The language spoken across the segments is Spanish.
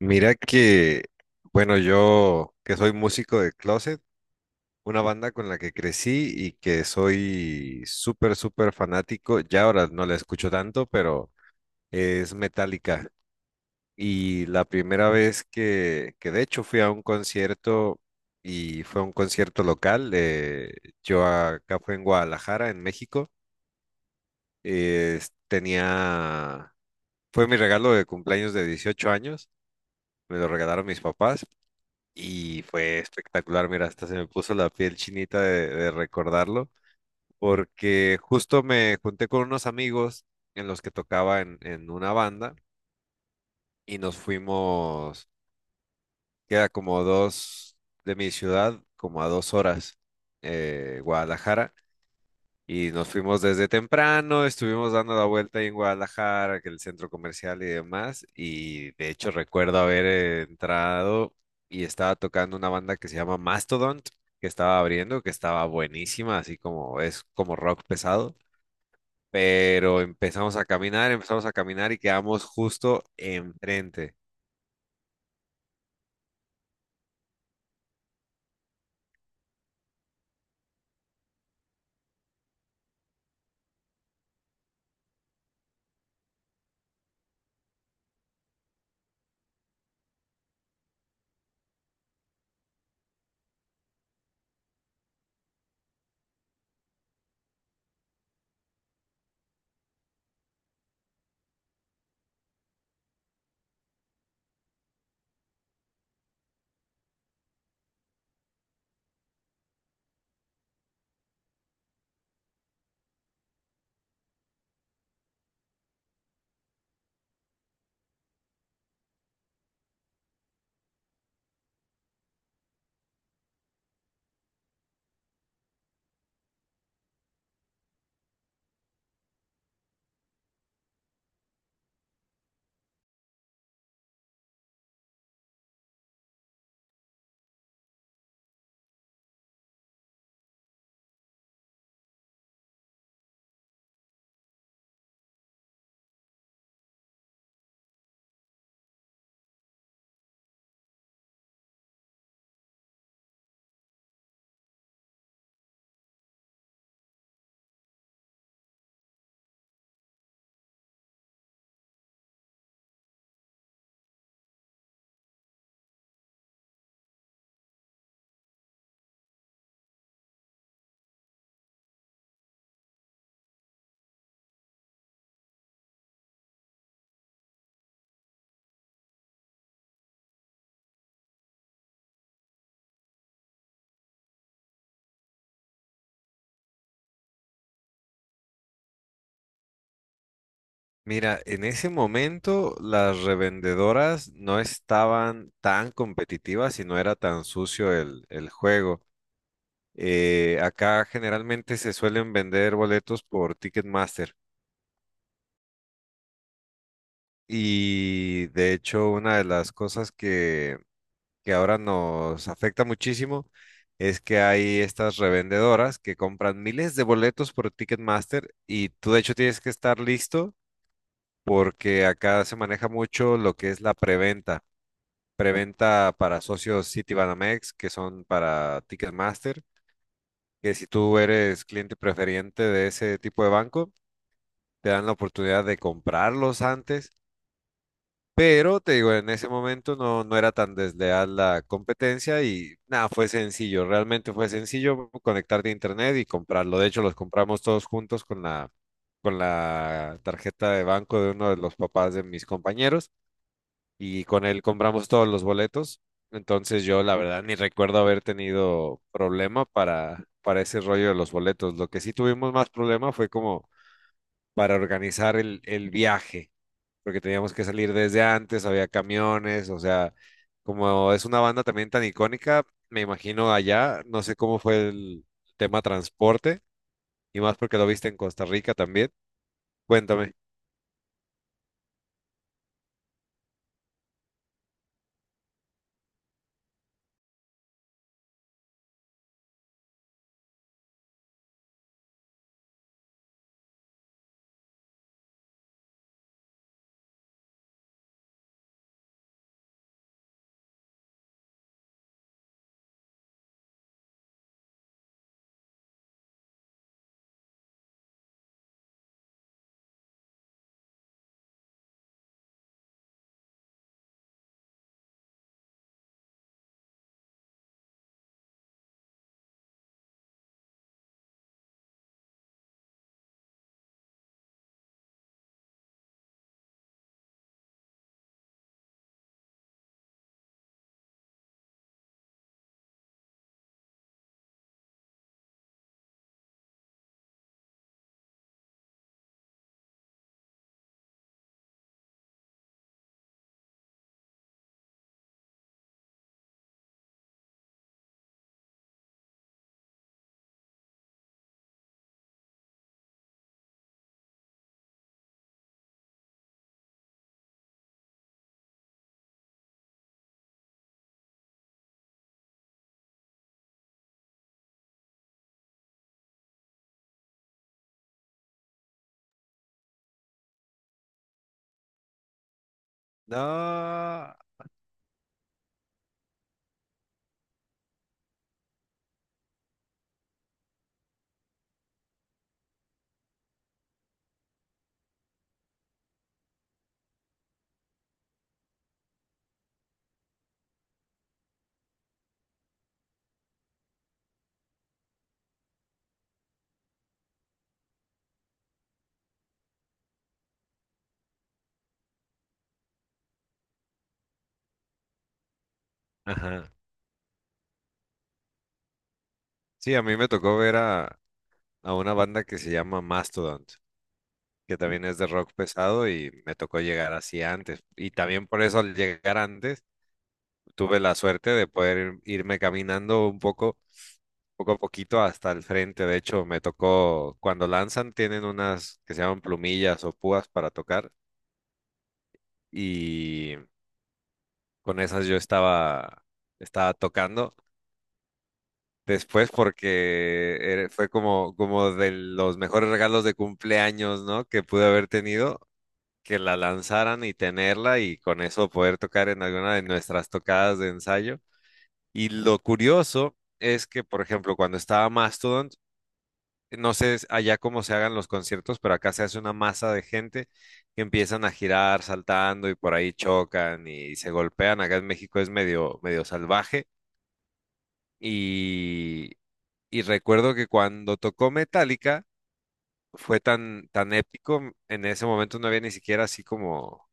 Mira que, bueno, yo que soy músico de closet, una banda con la que crecí y que soy súper, súper fanático, ya ahora no la escucho tanto, pero es Metallica. Y la primera vez que, de hecho fui a un concierto y fue un concierto local, yo acá fue en Guadalajara, en México, eh, tenía, fue mi regalo de cumpleaños de 18 años, me lo regalaron mis papás. Y fue espectacular, mira, hasta se me puso la piel chinita de recordarlo, porque justo me junté con unos amigos en los que tocaba en una banda y nos fuimos, queda como dos de mi ciudad, como a 2 horas, Guadalajara. Y nos fuimos desde temprano, estuvimos dando la vuelta ahí en Guadalajara, que el centro comercial y demás. Y de hecho recuerdo haber entrado y estaba tocando una banda que se llama Mastodon, que estaba abriendo, que estaba buenísima, así como es como rock pesado. Pero empezamos a caminar y quedamos justo enfrente. Mira, en ese momento las revendedoras no estaban tan competitivas y no era tan sucio el juego. Acá generalmente se suelen vender boletos por Ticketmaster, y de hecho una de las cosas que ahora nos afecta muchísimo es que hay estas revendedoras que compran miles de boletos por Ticketmaster y tú de hecho tienes que estar listo porque acá se maneja mucho lo que es la preventa. Preventa para socios Citibanamex que son para Ticketmaster, que si tú eres cliente preferente de ese tipo de banco, te dan la oportunidad de comprarlos antes, pero te digo, en ese momento no, no era tan desleal la competencia y nada, fue sencillo, realmente fue sencillo conectarte a internet y comprarlo. De hecho, los compramos todos juntos con con la tarjeta de banco de uno de los papás de mis compañeros y con él compramos todos los boletos. Entonces yo la verdad ni recuerdo haber tenido problema para ese rollo de los boletos. Lo que sí tuvimos más problema fue como para organizar el viaje, porque teníamos que salir desde antes, había camiones, o sea, como es una banda también tan icónica, me imagino allá, no sé cómo fue el tema transporte, y más porque lo viste en Costa Rica también. Cuéntame. No. Ajá. Sí, a mí me tocó ver a una banda que se llama Mastodon, que también es de rock pesado y me tocó llegar así antes. Y también por eso al llegar antes tuve la suerte de poder irme caminando un poco poco a poquito hasta el frente. De hecho, me tocó, cuando lanzan, tienen unas que se llaman plumillas o púas para tocar y con esas yo estaba, estaba tocando. Después porque era- fue como, como de los mejores regalos de cumpleaños, ¿no? Que pude haber tenido, que la lanzaran y tenerla y con eso poder tocar en alguna de nuestras tocadas de ensayo. Y lo curioso es que, por ejemplo, cuando estaba Mastodon, no sé allá cómo se hagan los conciertos, pero acá se hace una masa de gente que empiezan a girar saltando y por ahí chocan y se golpean. Acá en México es medio, medio salvaje. Y, y recuerdo que cuando tocó Metallica fue tan, tan épico. En ese momento no había ni siquiera así como...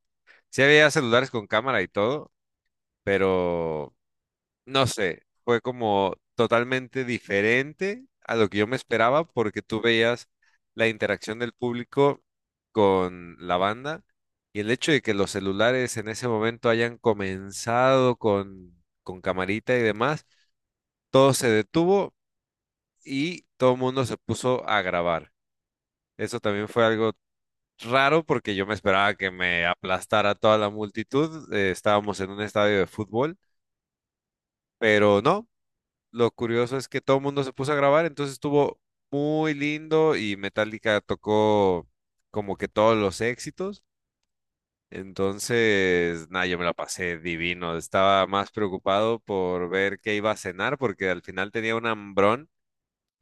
Sí había celulares con cámara y todo, pero no sé, fue como totalmente diferente a lo que yo me esperaba porque tú veías la interacción del público con la banda, y el hecho de que los celulares en ese momento hayan comenzado con camarita y demás, todo se detuvo y todo el mundo se puso a grabar. Eso también fue algo raro porque yo me esperaba que me aplastara toda la multitud. Estábamos en un estadio de fútbol, pero no. Lo curioso es que todo el mundo se puso a grabar, entonces estuvo muy lindo y Metallica tocó como que todos los éxitos. Entonces, nada, yo me la pasé divino. Estaba más preocupado por ver qué iba a cenar porque al final tenía un hambrón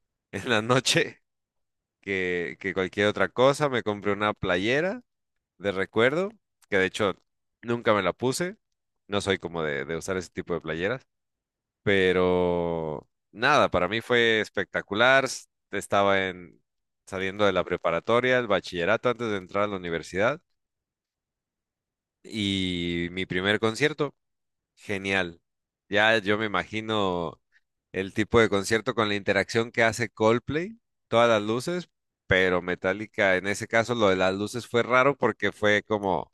en la noche que cualquier otra cosa. Me compré una playera de recuerdo, que de hecho nunca me la puse. No soy como de usar ese tipo de playeras. Pero nada, para mí fue espectacular. Estaba en, saliendo de la preparatoria, el bachillerato antes de entrar a la universidad y mi primer concierto, genial. Ya yo me imagino el tipo de concierto con la interacción que hace Coldplay, todas las luces, pero Metallica, en ese caso lo de las luces fue raro porque fue como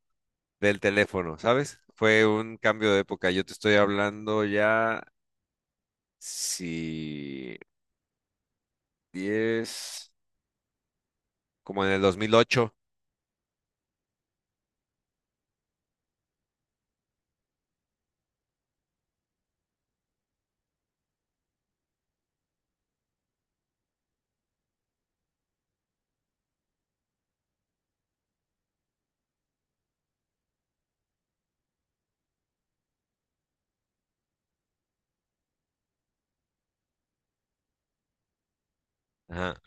del teléfono, ¿sabes? Fue un cambio de época. Yo te estoy hablando ya, si 10 como en el 2008. Ajá.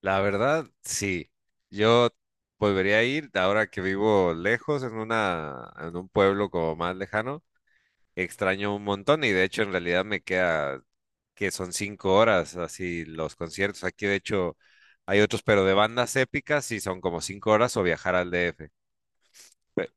La verdad, sí. Yo volvería a ir ahora que vivo lejos, en una, en un pueblo como más lejano. Extraño un montón y de hecho en realidad me queda que son 5 horas así los conciertos. Aquí de hecho hay otros, pero de bandas épicas y son como 5 horas o viajar al DF. Pe-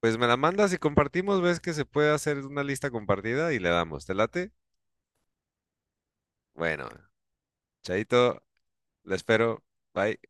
Pues me la mandas y compartimos, ves que se puede hacer una lista compartida y le damos. ¿Te late? Bueno, chaito, le espero. Bye.